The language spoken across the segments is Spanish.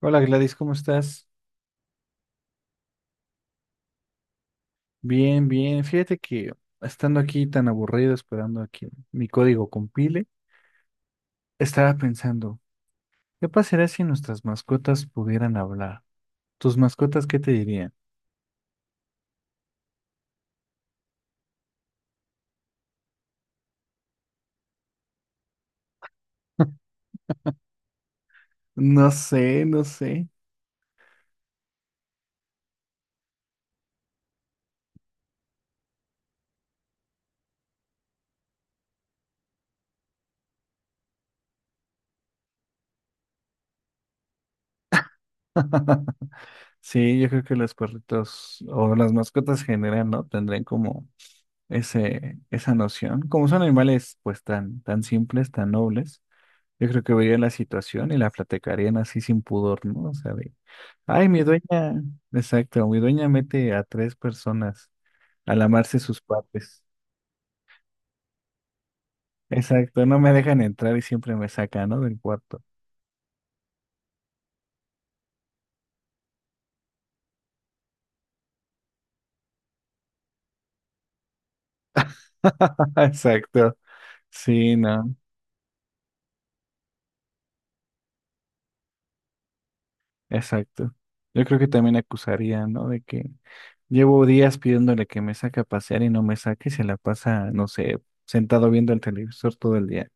Hola Gladys, ¿cómo estás? Bien, bien. Fíjate que estando aquí tan aburrido, esperando a que mi código compile, estaba pensando, ¿qué pasaría si nuestras mascotas pudieran hablar? ¿Tus mascotas qué te dirían? No sé, no sé. Sí, yo creo que los perritos o las mascotas en general, ¿no? Tendrían como esa noción. Como son animales pues tan, tan simples, tan nobles. Yo creo que verían la situación y la platicarían así sin pudor, ¿no? O sea, ay, mi dueña, exacto, mi dueña mete a tres personas a lamarse sus partes. Exacto, no me dejan entrar y siempre me sacan, ¿no? Del cuarto. Exacto, sí, no, exacto. Yo creo que también acusarían, ¿no? De que llevo días pidiéndole que me saque a pasear y no me saque y se la pasa, no sé, sentado viendo el televisor todo el día.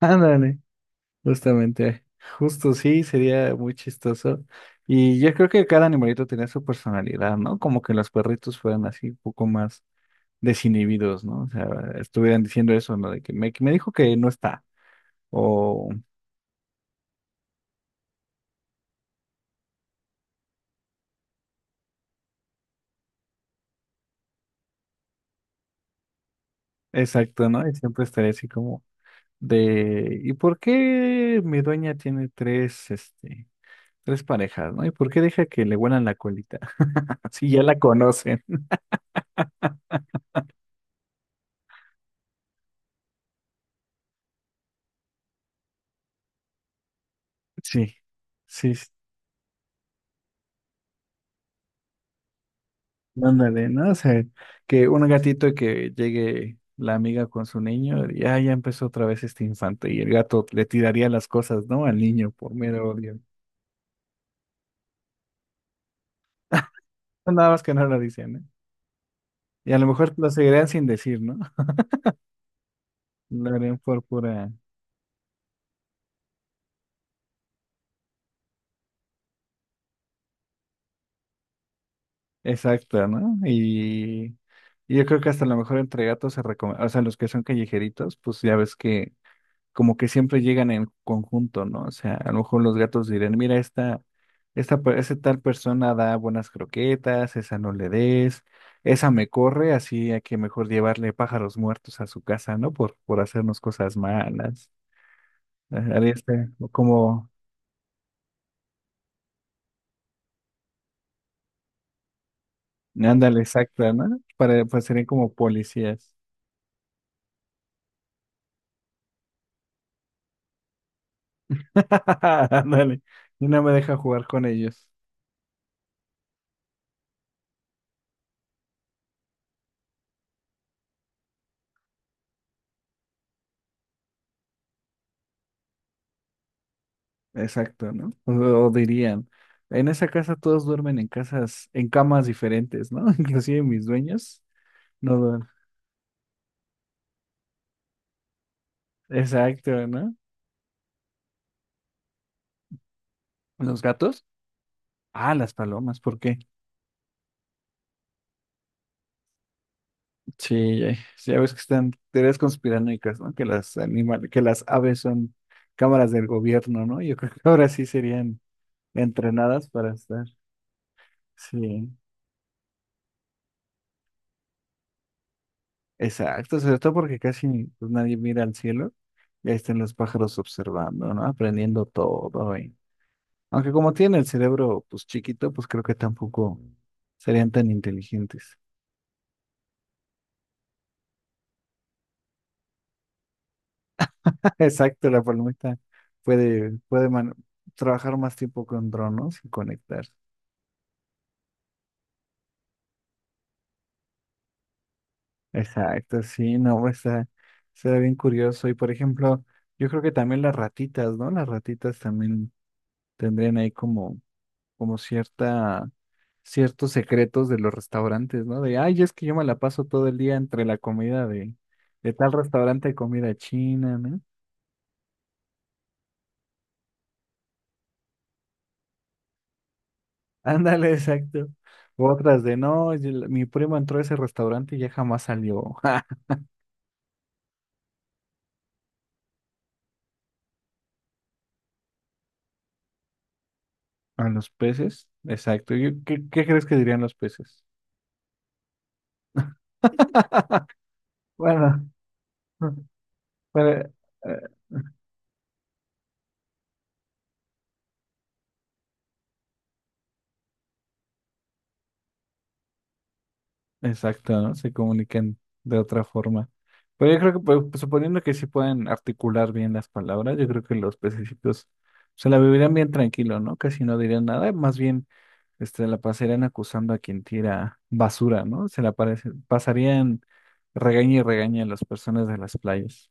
Ándale. Justamente, justo sí, sería muy chistoso. Y yo creo que cada animalito tenía su personalidad, ¿no? Como que los perritos fueran así un poco más desinhibidos, ¿no? O sea, estuvieran diciendo eso, ¿no? De que me dijo que no está. O exacto, ¿no? Y siempre estaría así como de, ¿y por qué mi dueña tiene tres parejas, ¿no? ¿Y por qué deja que le huelan la colita? Así ya la conocen. Sí, sí, sí. Ándale, ¿no? O sea, que un gatito que llegue la amiga con su niño, y ah, ya empezó otra vez este infante, y el gato le tiraría las cosas, ¿no? Al niño por mero odio. Nada más que no lo dicen, ¿eh? Y a lo mejor lo seguirían sin decir, ¿no? Lo harían por pura exacta, ¿no? Y yo creo que hasta a lo mejor entre gatos se recomienda, o sea, los que son callejeritos, pues ya ves que como que siempre llegan en conjunto, ¿no? O sea, a lo mejor los gatos dirán, mira, esta, esa tal persona da buenas croquetas, esa no le des, esa me corre, así hay que mejor llevarle pájaros muertos a su casa, ¿no? Por hacernos cosas malas. Ajá, ahí está, o como, ándale, exacta, ¿no? Para, pues serían como policías. Ándale, y no me deja jugar con ellos. Exacto, ¿no? O dirían, en esa casa todos duermen en casas, en camas diferentes, ¿no? Inclusive mis dueños no duermen. Exacto, ¿no? ¿Los gatos? Ah, las palomas, ¿por qué? Sí, ya, sí, ya ves que están teorías conspiranoicas, ¿no? Que las animales, que las aves son cámaras del gobierno, ¿no? Yo creo que ahora sí serían entrenadas para estar. Sí, exacto, sobre todo porque casi pues, nadie mira al cielo. Ya están los pájaros observando, ¿no? Aprendiendo todo. Aunque como tiene el cerebro pues chiquito, pues creo que tampoco serían tan inteligentes. Exacto, la palomita puede, puede man- trabajar más tiempo con drones y conectarse. Exacto, sí, no, pues, está bien curioso. Y por ejemplo, yo creo que también las ratitas, ¿no? Las ratitas también tendrían ahí como, como ciertos secretos de los restaurantes, ¿no? De, ay, es que yo me la paso todo el día entre la comida de tal restaurante de comida china, no. Ándale, exacto. U otras de no, mi primo entró a ese restaurante y ya jamás salió. A los peces, exacto. ¿Qué crees que dirían los peces? Bueno, bueno. Exacto, ¿no? Se comunican de otra forma. Pero yo creo que, pues, suponiendo que sí pueden articular bien las palabras, yo creo que los pececitos se la vivirían bien tranquilo, ¿no? Casi no dirían nada, más bien la pasarían acusando a quien tira basura, ¿no? Pasarían regaña y regaña a las personas de las playas.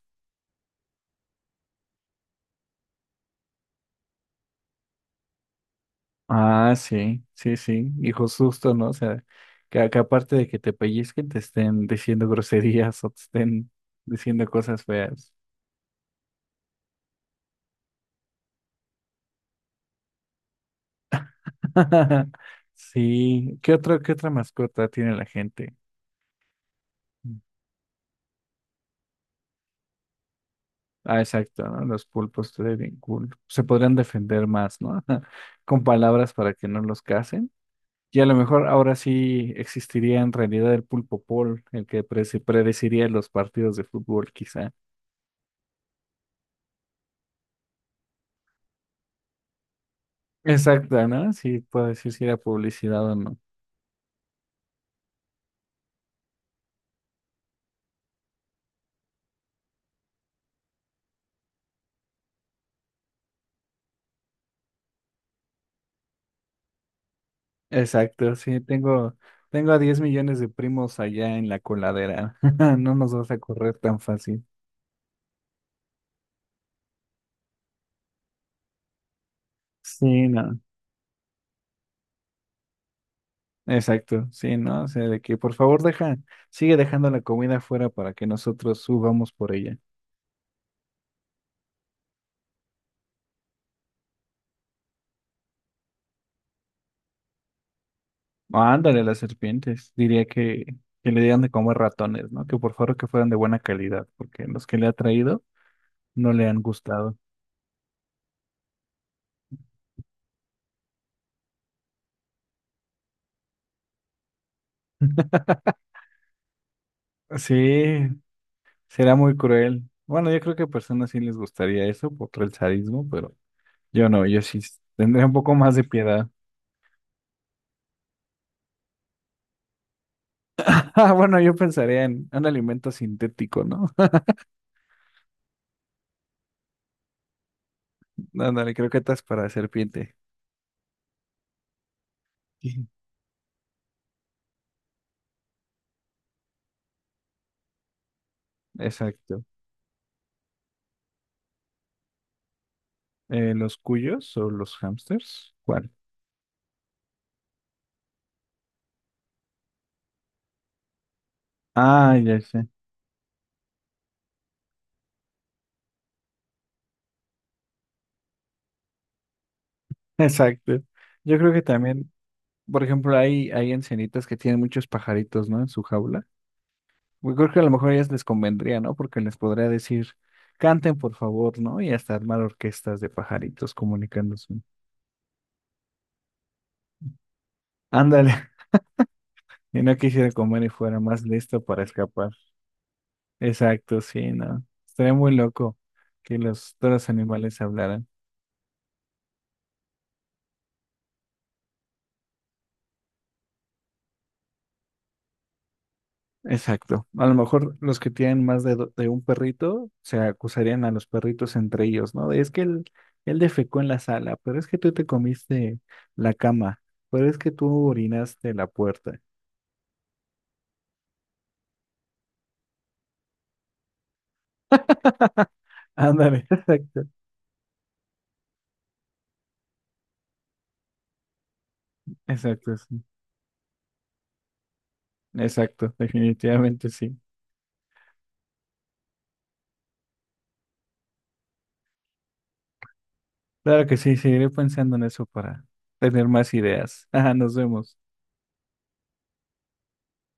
Ah, sí, sí, sí, hijo susto, ¿no? O sea, que aparte de que te pellizquen, te estén diciendo groserías o te estén diciendo cosas feas. Sí, ¿qué otra mascota tiene la gente? Ah, exacto, ¿no? Los pulpos estaría bien cool. Se podrían defender más, ¿no? Con palabras para que no los casen. Y a lo mejor ahora sí existiría en realidad el pulpo Paul, el que predeciría los partidos de fútbol, quizá. Exacto, ¿no? Sí, puedo decir si era publicidad o no. Exacto, sí, tengo a 10 millones de primos allá en la coladera. No nos vas a correr tan fácil. Sí, no. Exacto, sí, ¿no? O sea, de que por favor deja, sigue dejando la comida afuera para que nosotros subamos por ella. Ándale, las serpientes. Diría que le digan de comer ratones, ¿no? Que por favor que fueran de buena calidad, porque los que le ha traído no le han gustado. Sí, será muy cruel. Bueno, yo creo que a personas sí les gustaría eso por el sadismo, pero yo no, yo sí tendría un poco más de piedad. Ah, bueno, yo pensaría en un alimento sintético, ¿no? Ándale, creo que estás para serpiente. Exacto. ¿Los cuyos o los hamsters? ¿Cuál? Ah, ya sé. Exacto. Yo creo que también, por ejemplo, hay ancianitas que tienen muchos pajaritos, ¿no? En su jaula. Yo creo que a lo mejor a ellas les convendría, ¿no? Porque les podría decir, canten por favor, ¿no? Y hasta armar orquestas de pajaritos comunicándose. Ándale, y no quisiera comer y fuera más listo para escapar. Exacto, sí, ¿no? Estaría muy loco que los, todos los animales hablaran. Exacto. A lo mejor los que tienen más de un perrito se acusarían a los perritos entre ellos, ¿no? De, es que él defecó en la sala, pero es que tú te comiste la cama, pero es que tú orinaste la puerta. Ándale, exacto, exacto, sí. Exacto, definitivamente sí. Claro que sí, seguiré pensando en eso para tener más ideas. Ajá, nos vemos.